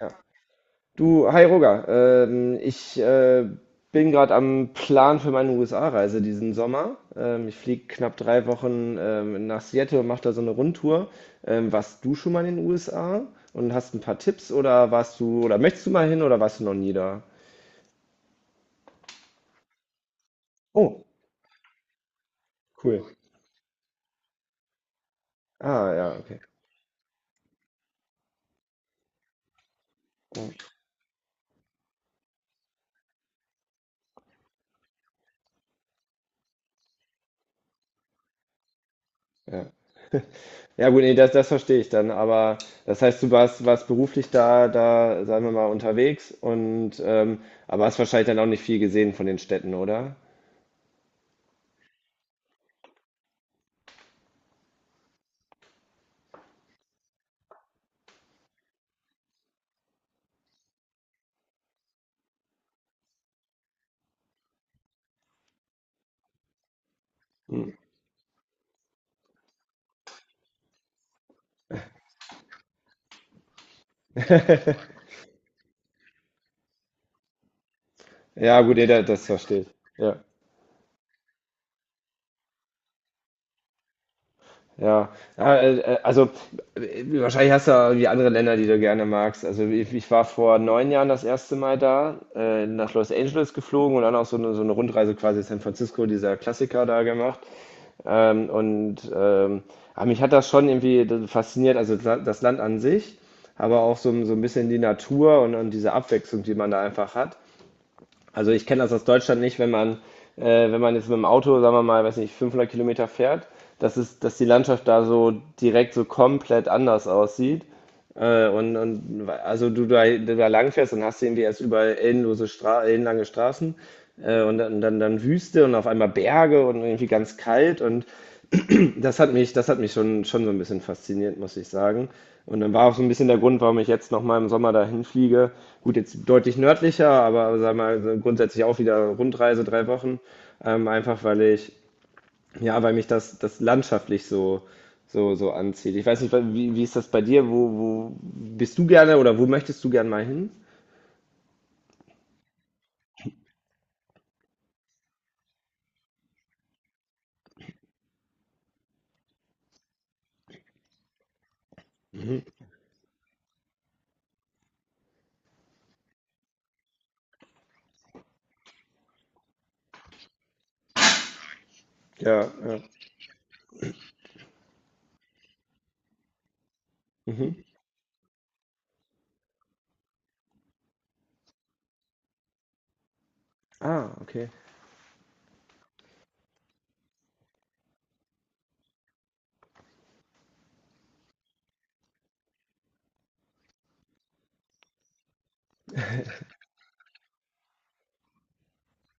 Ja. Du, hi Roger, ich bin gerade am Plan für meine USA-Reise diesen Sommer. Ich fliege knapp 3 Wochen nach Seattle und mache da so eine Rundtour. Warst du schon mal in den USA und hast ein paar Tipps, oder warst du oder möchtest du mal hin, oder warst du noch nie da? Oh, cool. Ah, ja, okay. Ja, ja, gut, nee, das verstehe ich dann. Aber das heißt, du warst beruflich da, sagen wir mal, unterwegs, und aber hast wahrscheinlich dann auch nicht viel gesehen von den Städten, oder? Hm. Ja, gut, jeder das versteht. Ja, ja. Ja, also wahrscheinlich hast du ja irgendwie andere Länder, die du gerne magst. Also ich war vor 9 Jahren das erste Mal da, nach Los Angeles geflogen, und dann auch so eine Rundreise, quasi San Francisco, dieser Klassiker da gemacht. Ähm, und ähm, aber mich hat das schon irgendwie fasziniert, also das Land an sich, aber auch so, ein bisschen die Natur, und diese Abwechslung, die man da einfach hat. Also ich kenne das aus Deutschland nicht, wenn man jetzt mit dem Auto, sagen wir mal, weiß nicht, 500 Kilometer fährt, dass die Landschaft da so direkt so komplett anders aussieht. Und, also du da, langfährst, dann hast du irgendwie erst überall endlose Stra ellenlange Straßen, und dann Wüste und auf einmal Berge und irgendwie ganz kalt, und das hat mich schon so ein bisschen fasziniert, muss ich sagen. Und dann war auch so ein bisschen der Grund, warum ich jetzt nochmal im Sommer dahin fliege. Gut, jetzt deutlich nördlicher, aber sag mal, so grundsätzlich auch wieder Rundreise, 3 Wochen. Einfach weil ja, weil mich das landschaftlich so anzieht. Ich weiß nicht, wie ist das bei dir? Wo bist du gerne, oder wo möchtest du gerne mal hin? Ja, ja. Mhm. Ah, okay.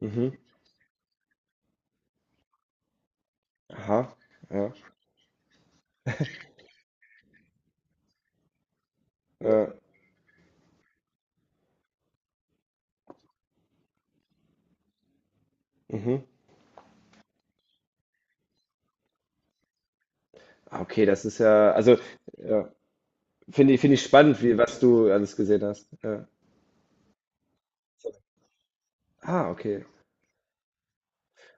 Mhm. Aha. Ja. Äh, mhm. Ah, okay, das ist ja, also, ja. Finde ich spannend, was du alles gesehen hast. Ja. Ah, okay.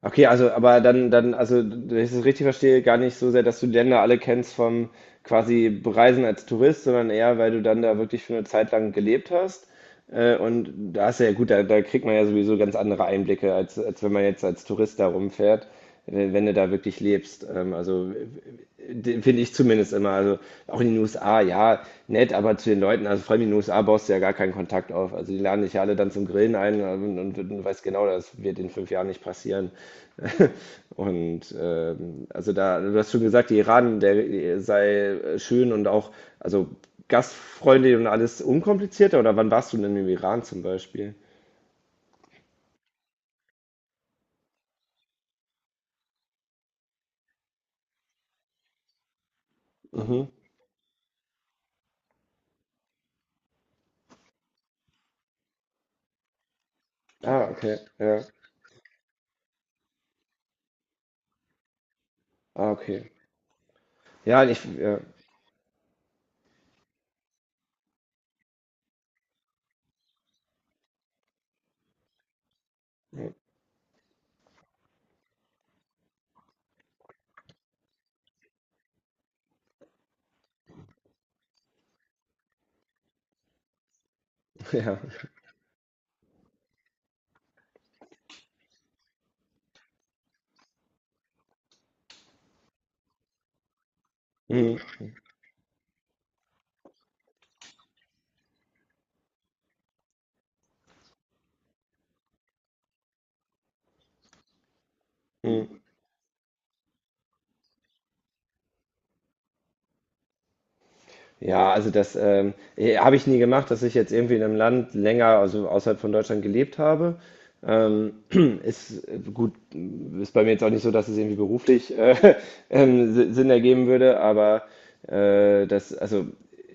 Okay, also, aber also, wenn ich das richtig verstehe, gar nicht so sehr, dass du die Länder alle kennst vom quasi Bereisen als Tourist, sondern eher, weil du dann da wirklich für eine Zeit lang gelebt hast. Und da ist ja gut, da kriegt man ja sowieso ganz andere Einblicke, als wenn man jetzt als Tourist da rumfährt, wenn du da wirklich lebst. Also finde ich zumindest immer. Also auch in den USA, ja, nett, aber zu den Leuten, also vor allem in den USA baust du ja gar keinen Kontakt auf. Also die laden dich ja alle dann zum Grillen ein, und, und weißt genau, das wird in 5 Jahren nicht passieren. Und also da, du hast schon gesagt, die Iran, der sei schön und auch, also gastfreundlich und alles unkomplizierter? Oder wann warst du denn im Iran zum Beispiel? Mhm. Ah, okay. Ja. Ah, okay. Ja, ja. Ja. Mhm. Mhm. Ja, also das habe ich nie gemacht, dass ich jetzt irgendwie in einem Land länger, also außerhalb von Deutschland gelebt habe. Ähm, Ist gut, ist bei mir jetzt auch nicht so, dass es irgendwie beruflich Sinn ergeben würde, aber also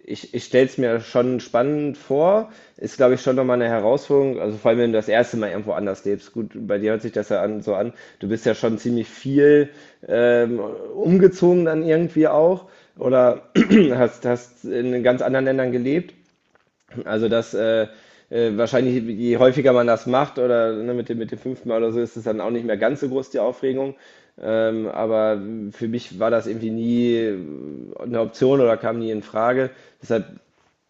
ich stelle es mir schon spannend vor. Ist, glaube ich, schon nochmal eine Herausforderung. Also vor allem, wenn du das erste Mal irgendwo anders lebst. Gut, bei dir hört sich das ja an, so an. Du bist ja schon ziemlich viel umgezogen dann irgendwie auch. Oder hast in ganz anderen Ländern gelebt. Also das wahrscheinlich, je häufiger man das macht, oder ne, mit dem fünften Mal oder so, ist es dann auch nicht mehr ganz so groß die Aufregung. Aber für mich war das irgendwie nie eine Option oder kam nie in Frage. Deshalb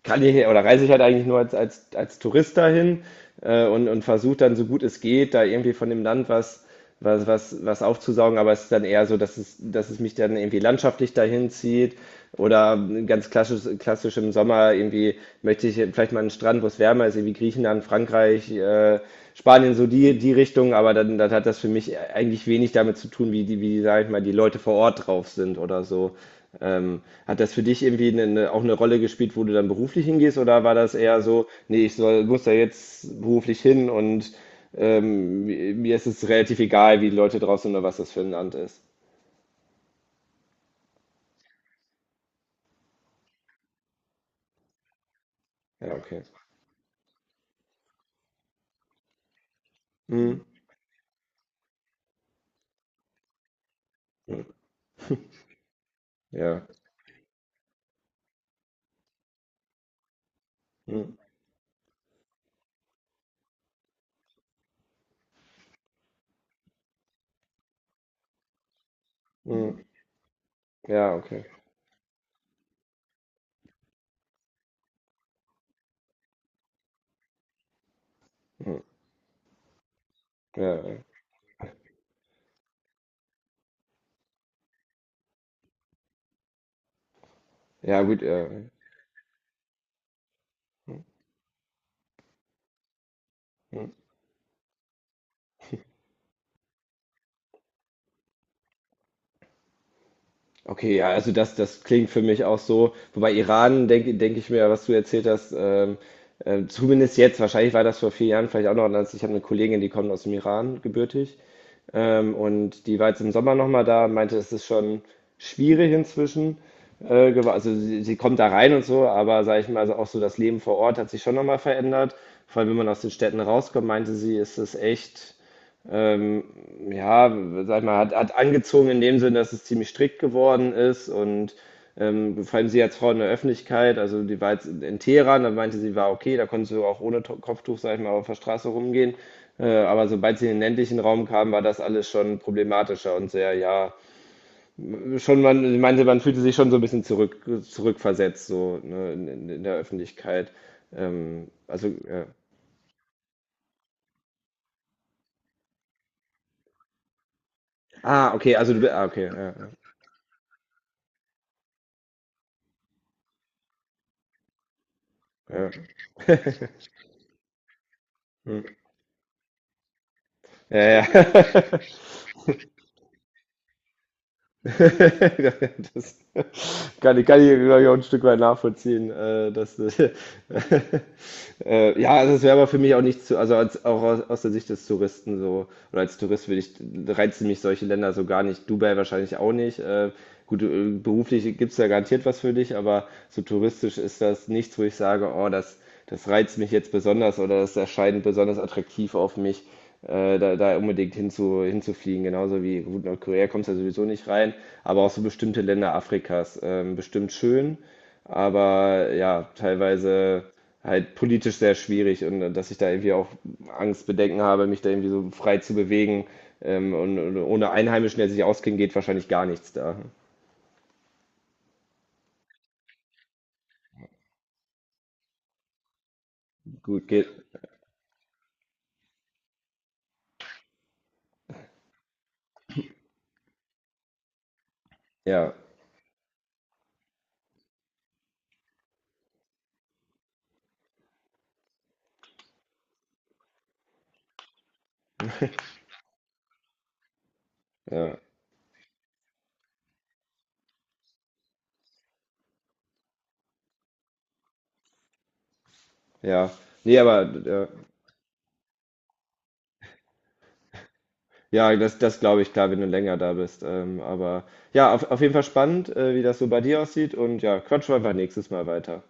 oder reise ich halt eigentlich nur als, als Tourist dahin, und, versuche dann so gut es geht, da irgendwie von dem Land was aufzusaugen, aber es ist dann eher so, dass es mich dann irgendwie landschaftlich dahin zieht, oder ganz klassisch im Sommer irgendwie möchte ich vielleicht mal einen Strand, wo es wärmer ist, irgendwie Griechenland, Frankreich, Spanien, so die Richtung, aber dann hat das für mich eigentlich wenig damit zu tun, wie, sag ich mal, die Leute vor Ort drauf sind oder so. Hat das für dich irgendwie auch eine Rolle gespielt, wo du dann beruflich hingehst, oder war das eher so, nee, ich muss da jetzt beruflich hin und mir ist es relativ egal, wie die Leute draußen oder was das für ein Land ist? Ja, ja, okay. Hm, hm, ja, hm, hm, ja, okay. Hm, ja, ja, ja, gut, ja. Hm. Okay, ja, also das klingt für mich auch so. Wobei Iran, denk ich mir, was du erzählt hast, zumindest jetzt, wahrscheinlich war das vor 4 Jahren vielleicht auch noch anders. Ich habe eine Kollegin, die kommt aus dem Iran, gebürtig. Und die war jetzt im Sommer nochmal da und meinte, es ist schon schwierig inzwischen. Also sie kommt da rein und so, aber sage ich mal, also auch so das Leben vor Ort hat sich schon nochmal verändert. Vor allem, wenn man aus den Städten rauskommt, meinte sie, ist es echt ähm, ja, sag ich mal, hat angezogen in dem Sinne, dass es ziemlich strikt geworden ist, und vor allem sie als Frau in der Öffentlichkeit, also die war jetzt in Teheran, da meinte sie, war okay, da konntest du auch ohne Kopftuch, sag ich mal, auf der Straße rumgehen. Aber sobald sie in den ländlichen Raum kam, war das alles schon problematischer und sehr, ja, schon sie meinte, man fühlte sich schon so ein bisschen zurückversetzt, so, ne, in, in der Öffentlichkeit. Also, ja. Ah, okay, also du, ah, okay, ja, ja. Ja. Hm. Ja, ja. Das kann ich, glaub ich, auch ein Stück weit nachvollziehen, Ja, also es wäre aber für mich auch nicht zu, also auch aus der Sicht des Touristen so, oder als Tourist reizen mich solche Länder so gar nicht. Dubai wahrscheinlich auch nicht. Gut, beruflich gibt es da garantiert was für dich, aber so touristisch ist das nichts, wo ich sage, oh, das reizt mich jetzt besonders, oder das erscheint besonders attraktiv auf mich, da unbedingt hinzufliegen. Genauso wie gut, Nordkorea kommst du ja sowieso nicht rein, aber auch so bestimmte Länder Afrikas, bestimmt schön, aber ja, teilweise halt politisch sehr schwierig, und dass ich da irgendwie auch Angst, Bedenken habe, mich da irgendwie so frei zu bewegen. Und, ohne Einheimischen, der sich auskennt, geht wahrscheinlich gar nichts da. Gut, geht. Ja, ja, ja. Nee, aber ja, das glaube ich, klar, wenn du länger da bist. Aber ja, auf jeden Fall spannend, wie das so bei dir aussieht. Und ja, quatschen wir einfach nächstes Mal weiter.